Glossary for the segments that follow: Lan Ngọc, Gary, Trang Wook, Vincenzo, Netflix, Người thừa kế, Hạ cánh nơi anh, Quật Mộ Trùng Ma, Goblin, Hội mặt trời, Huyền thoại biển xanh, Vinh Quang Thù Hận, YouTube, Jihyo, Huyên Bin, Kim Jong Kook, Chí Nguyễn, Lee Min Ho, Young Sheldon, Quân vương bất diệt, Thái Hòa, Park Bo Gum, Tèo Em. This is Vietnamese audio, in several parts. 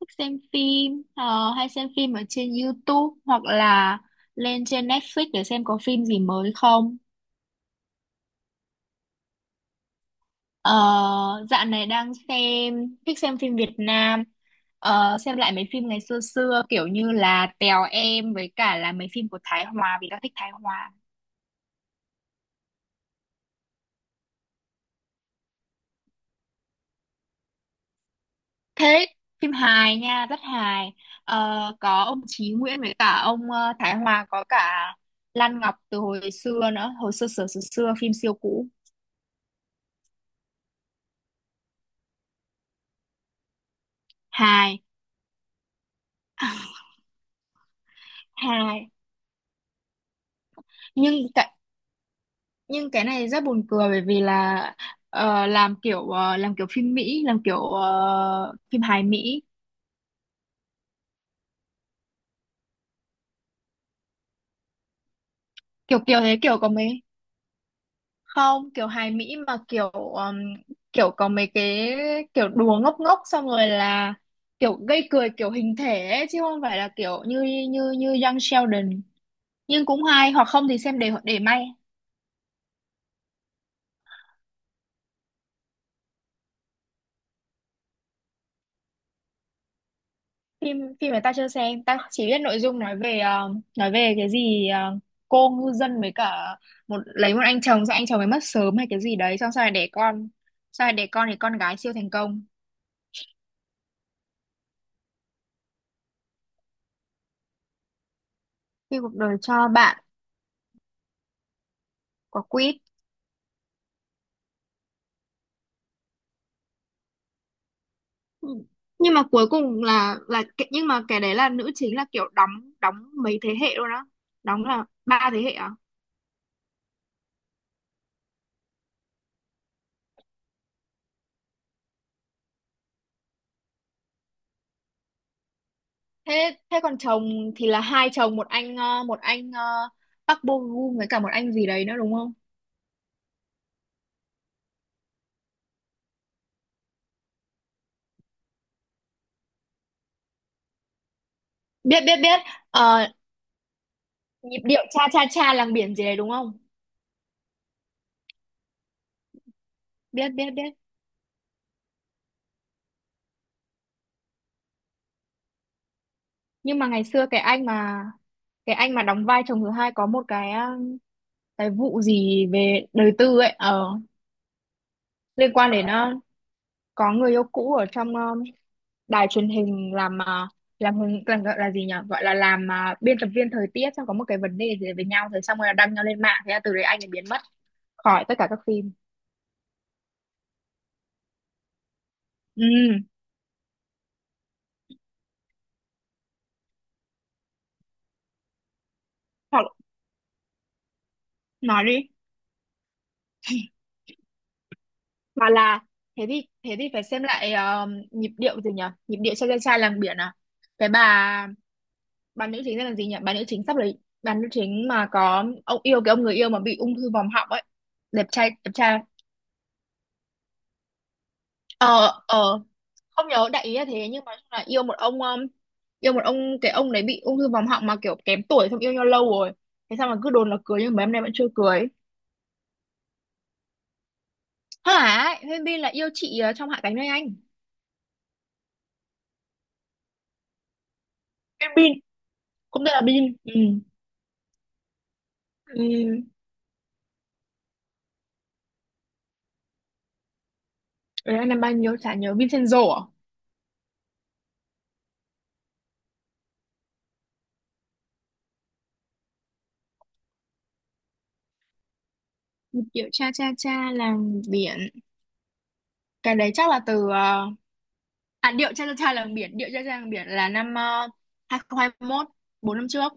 Thích xem phim hay xem phim ở trên YouTube hoặc là lên trên Netflix để xem có phim gì mới không. ờ, Dạo này đang xem, thích xem phim Việt Nam. Xem lại mấy phim ngày xưa xưa, kiểu như là Tèo Em với cả là mấy phim của Thái Hòa vì tao thích Thái Hòa. Thế phim hài nha, rất hài. Có ông Chí Nguyễn với cả ông Thái Hòa, có cả Lan Ngọc từ hồi xưa nữa, hồi xưa xưa xưa, xưa phim siêu cũ. Hài. Hài. nhưng cái nhưng cái này rất buồn cười, bởi vì là làm kiểu làm kiểu phim Mỹ, làm kiểu phim hài Mỹ. Kiểu kiểu thế, kiểu có mấy, không kiểu hài Mỹ mà kiểu kiểu có mấy cái, kiểu đùa ngốc ngốc, xong rồi là kiểu gây cười kiểu hình thể ấy, chứ không phải là kiểu như như như Young Sheldon. Nhưng cũng hay, hoặc không thì xem để may. Phim phim mà tao chưa xem, tao chỉ biết nội dung nói về nói về cái gì cô ngư dân với cả lấy một anh chồng, xong anh chồng ấy mất sớm hay cái gì đấy, xong sau này đẻ con. Sau này đẻ con thì con gái siêu thành công. Khi cuộc đời cho bạn quả quýt. Ừ. Nhưng mà cuối cùng nhưng mà cái đấy là nữ chính là kiểu đóng đóng mấy thế hệ luôn á, đóng là ba thế hệ à? Thế thế còn chồng thì là hai chồng, một anh một anh Park Bo Gum với cả một anh gì đấy nữa, đúng không? Biết, biết, biết. Ờ, nhịp điệu cha cha cha làng biển gì đấy đúng không? Biết, biết, biết. Nhưng mà ngày xưa cái anh mà đóng vai chồng thứ hai có một cái, cái vụ gì về đời tư ấy, liên quan đến, có người yêu cũ ở trong, đài truyền hình, làm hướng làm gọi là gì nhỉ, gọi là làm biên tập viên thời tiết, xong có một cái vấn đề gì đấy với nhau rồi xong rồi là đăng nhau lên mạng, thế là từ đấy anh ấy biến mất khỏi tất cả các phim. Ừ. Hoặc nói đi. Hoặc là thế thì phải xem lại nhịp điệu gì nhỉ? Nhịp điệu cho chàng trai làng biển à? Cái Bà nữ chính tên là gì nhỉ? Bà nữ chính mà có ông yêu, cái ông người yêu mà bị ung thư vòm họng ấy. Đẹp trai, đẹp trai. Ờ ờ Không nhớ, đại ý là thế, nhưng mà nói chung là yêu một ông, yêu một ông cái ông đấy bị ung thư vòm họng mà kiểu kém tuổi, xong yêu nhau lâu rồi. Thế sao mà cứ đồn là cưới nhưng mấy hôm nay vẫn chưa cưới. Hả? Huyên Bin là yêu chị trong Hạ cánh nơi anh. Huyên Bin cũng tên là Bin. Ừ. Ừ. Đấy anh làm bao nhiêu chả nhớ, Vincenzo à? Điệu cha cha cha làng biển. Cái đấy chắc là từ, à điệu cha cha cha làng biển, điệu cha cha làng biển là năm 2021, 4 năm trước.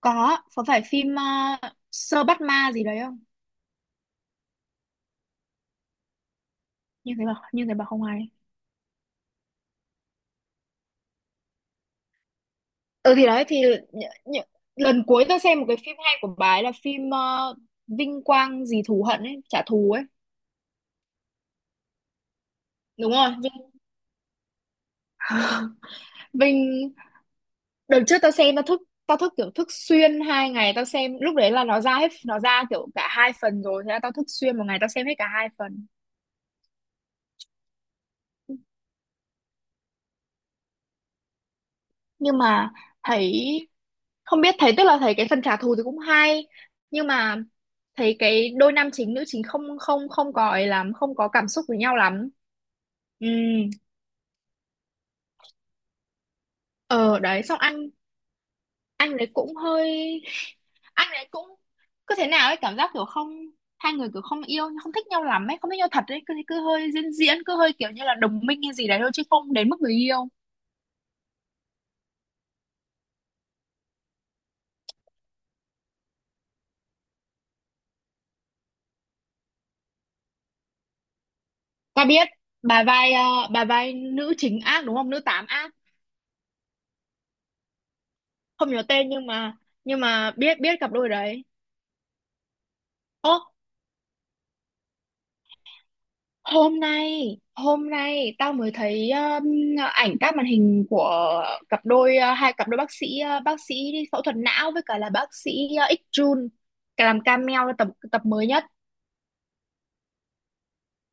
Có, phải phim Sơ Bắt Ma gì đấy không? Như thế bảo không hay. Ừ thì đấy thì nh, nh, lần cuối tao xem một cái phim hay của bà ấy là phim Vinh Quang gì thù hận ấy, trả thù ấy. Đúng rồi, Vinh Vinh đợt trước tao xem, tao thức kiểu thức xuyên 2 ngày, tao xem lúc đấy là nó ra hết, nó ra kiểu cả hai phần rồi, thế là tao thức xuyên một ngày tao xem hết cả hai phần. Nhưng mà thấy, không biết, thấy tức là thấy cái phần trả thù thì cũng hay, nhưng mà thấy cái đôi nam chính nữ chính không không không có ấy lắm, không có cảm xúc với nhau lắm. Ừ. ờ Đấy xong ăn, anh đấy cũng hơi anh đấy cũng cứ thế nào ấy, cảm giác kiểu không, hai người kiểu không yêu không thích nhau lắm ấy, không thích nhau thật ấy, cứ cứ hơi diễn, cứ hơi kiểu như là đồng minh hay gì đấy thôi chứ không đến mức người yêu. Ta biết, bà vai ờ, bà vai nữ chính ác, đúng không, nữ tám ác. Không nhớ tên, nhưng mà biết biết cặp đôi đấy. Ô, hôm nay tao mới thấy, ảnh các màn hình của cặp đôi, hai cặp đôi bác sĩ, bác sĩ đi phẫu thuật não với cả là bác sĩ, X Jun, cả làm cameo tập tập mới nhất.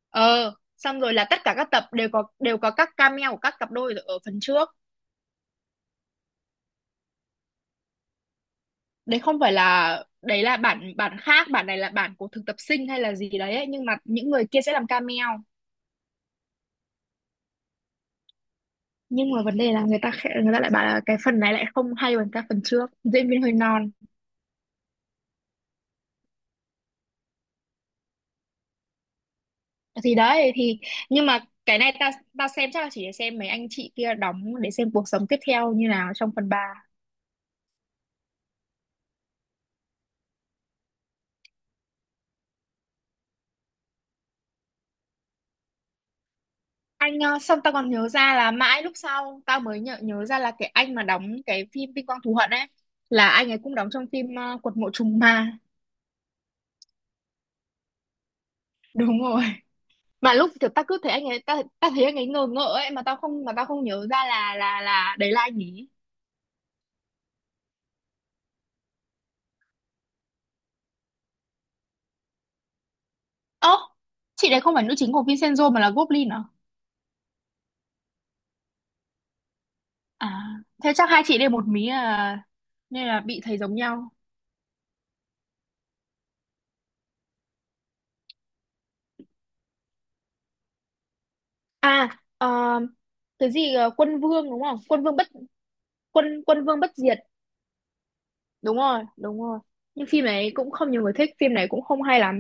Ờ Xong rồi là tất cả các tập đều có, các cameo của các cặp đôi ở phần trước. Đấy không phải là, đấy là bản bản khác, bản này là bản của thực tập sinh hay là gì đấy ấy. Nhưng mà những người kia sẽ làm cameo. Nhưng mà vấn đề là người ta lại bảo là cái phần này lại không hay bằng các phần trước, diễn viên hơi non. Thì đấy thì, nhưng mà cái này ta ta xem chắc là chỉ để xem mấy anh chị kia đóng, để xem cuộc sống tiếp theo như nào trong phần ba. Anh, xong tao còn nhớ ra là mãi lúc sau tao mới nhớ nhớ ra là cái anh mà đóng cái phim Vinh Quang Thù Hận ấy là anh ấy cũng đóng trong phim Quật Mộ Trùng Ma. Đúng rồi. Mà lúc kiểu tao cứ thấy anh ấy, tao tao thấy anh ấy ngờ ngợ ấy, mà tao không, nhớ ra là đấy là anh ấy. Ơ, chị đấy không phải nữ chính của Vincenzo mà là Goblin à? À thế chắc hai chị đây một mí à, nên là bị thấy giống nhau. À, cái gì quân vương đúng không? Quân vương bất, quân quân vương bất diệt. Đúng rồi, đúng rồi. Nhưng phim này cũng không nhiều người thích, phim này cũng không hay lắm.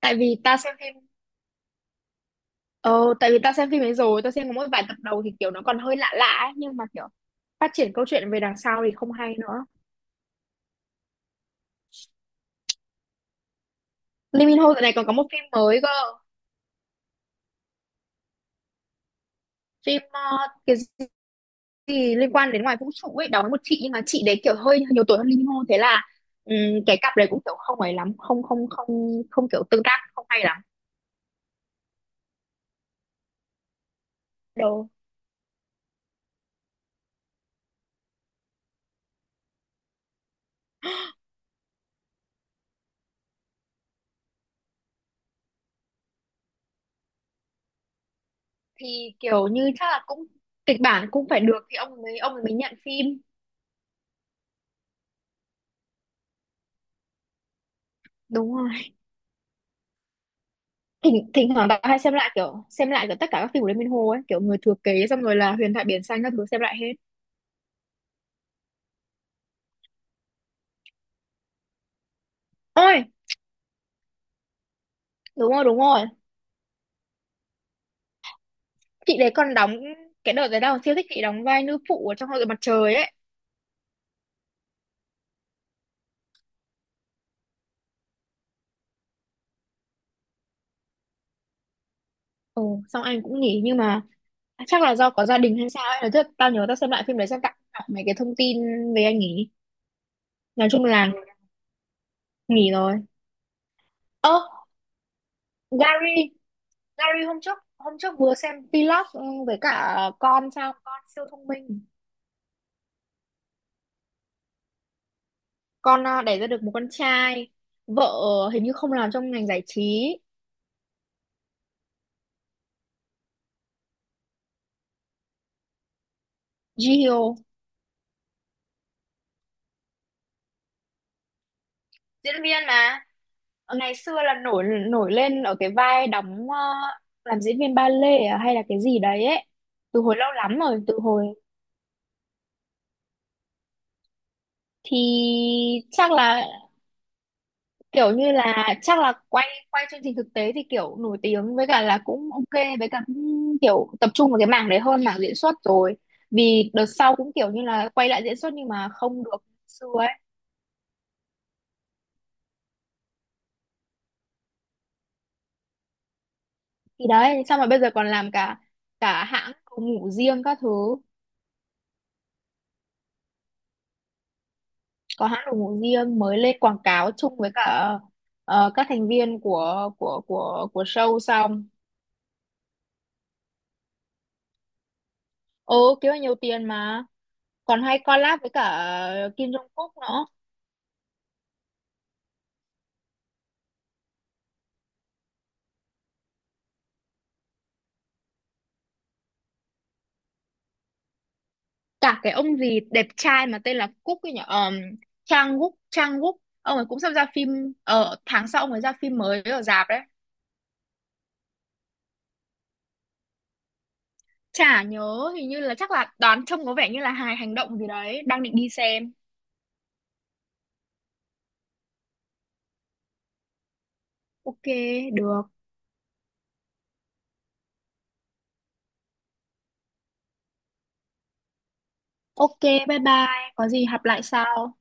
Tại vì ta xem phim Ờ, tại vì ta xem phim ấy rồi, ta xem có mỗi vài tập đầu thì kiểu nó còn hơi lạ lạ ấy, nhưng mà kiểu phát triển câu chuyện về đằng sau thì không hay nữa. Lee Min Ho dạo này còn có một phim mới cơ, phim, cái gì liên quan đến ngoài vũ trụ ấy, đó một chị nhưng mà chị đấy kiểu hơi nhiều tuổi hơn Lee Min Ho, thế là ừm, cái cặp đấy cũng kiểu không ấy lắm, không không không không kiểu tương tác không hay lắm. Đồ, thì kiểu như chắc là cũng kịch bản cũng phải được thì ông mới nhận phim. Đúng rồi, thỉnh thỉnh thoảng tao hay xem lại, kiểu tất cả các phim của Lê Minh Hồ ấy, kiểu người thừa kế, xong rồi là huyền thoại biển xanh các thứ, xem lại hết. Ôi đúng rồi, đúng rồi, chị đấy còn đóng, cái đợt đấy tao siêu thích chị đóng vai nữ phụ ở trong hội mặt trời ấy. Ồ xong anh cũng nghỉ, nhưng mà chắc là do có gia đình hay sao ấy, nói thật tao nhớ tao xem lại phim đấy xem, tặng đọc mấy cái thông tin về anh nghỉ. Nói chung là nghỉ rồi. Ơ Gary, Larry, hôm trước vừa xem vlog, với cả con sao, con siêu thông minh. Con à, đẻ ra được một con trai. Vợ, hình như không làm trong ngành giải trí. Jihyo diễn viên mà. Ờ, ngày xưa là nổi nổi lên ở cái vai đóng, làm diễn viên ba lê à, hay là cái gì đấy ấy, từ hồi lâu lắm rồi, từ hồi. Thì chắc là kiểu như là chắc là quay quay chương trình thực tế thì kiểu nổi tiếng, với cả là cũng ok, với cả cũng kiểu tập trung vào cái mảng đấy hơn mảng diễn xuất rồi. Vì đợt sau cũng kiểu như là quay lại diễn xuất nhưng mà không được như xưa ấy. Thì đấy sao mà bây giờ còn làm cả cả hãng đồ ngủ riêng các thứ. Có hãng đồ ngủ riêng, mới lên quảng cáo chung với cả, các thành viên của show xong. Ừ, kiếm được nhiều tiền mà. Còn hay collab với cả, Kim Jong Kook nữa. Cả cái ông gì đẹp trai mà tên là Cúc ấy nhỉ, Trang Wook, Trang Wook. Ông ấy cũng sắp ra phim ở tháng sau, ông ấy ra phim mới ở rạp đấy. Chả nhớ, hình như là chắc là đoán trông có vẻ như là hài hành động gì đấy, đang định đi xem. Ok, được. Ok, bye bye, có gì gặp lại sau.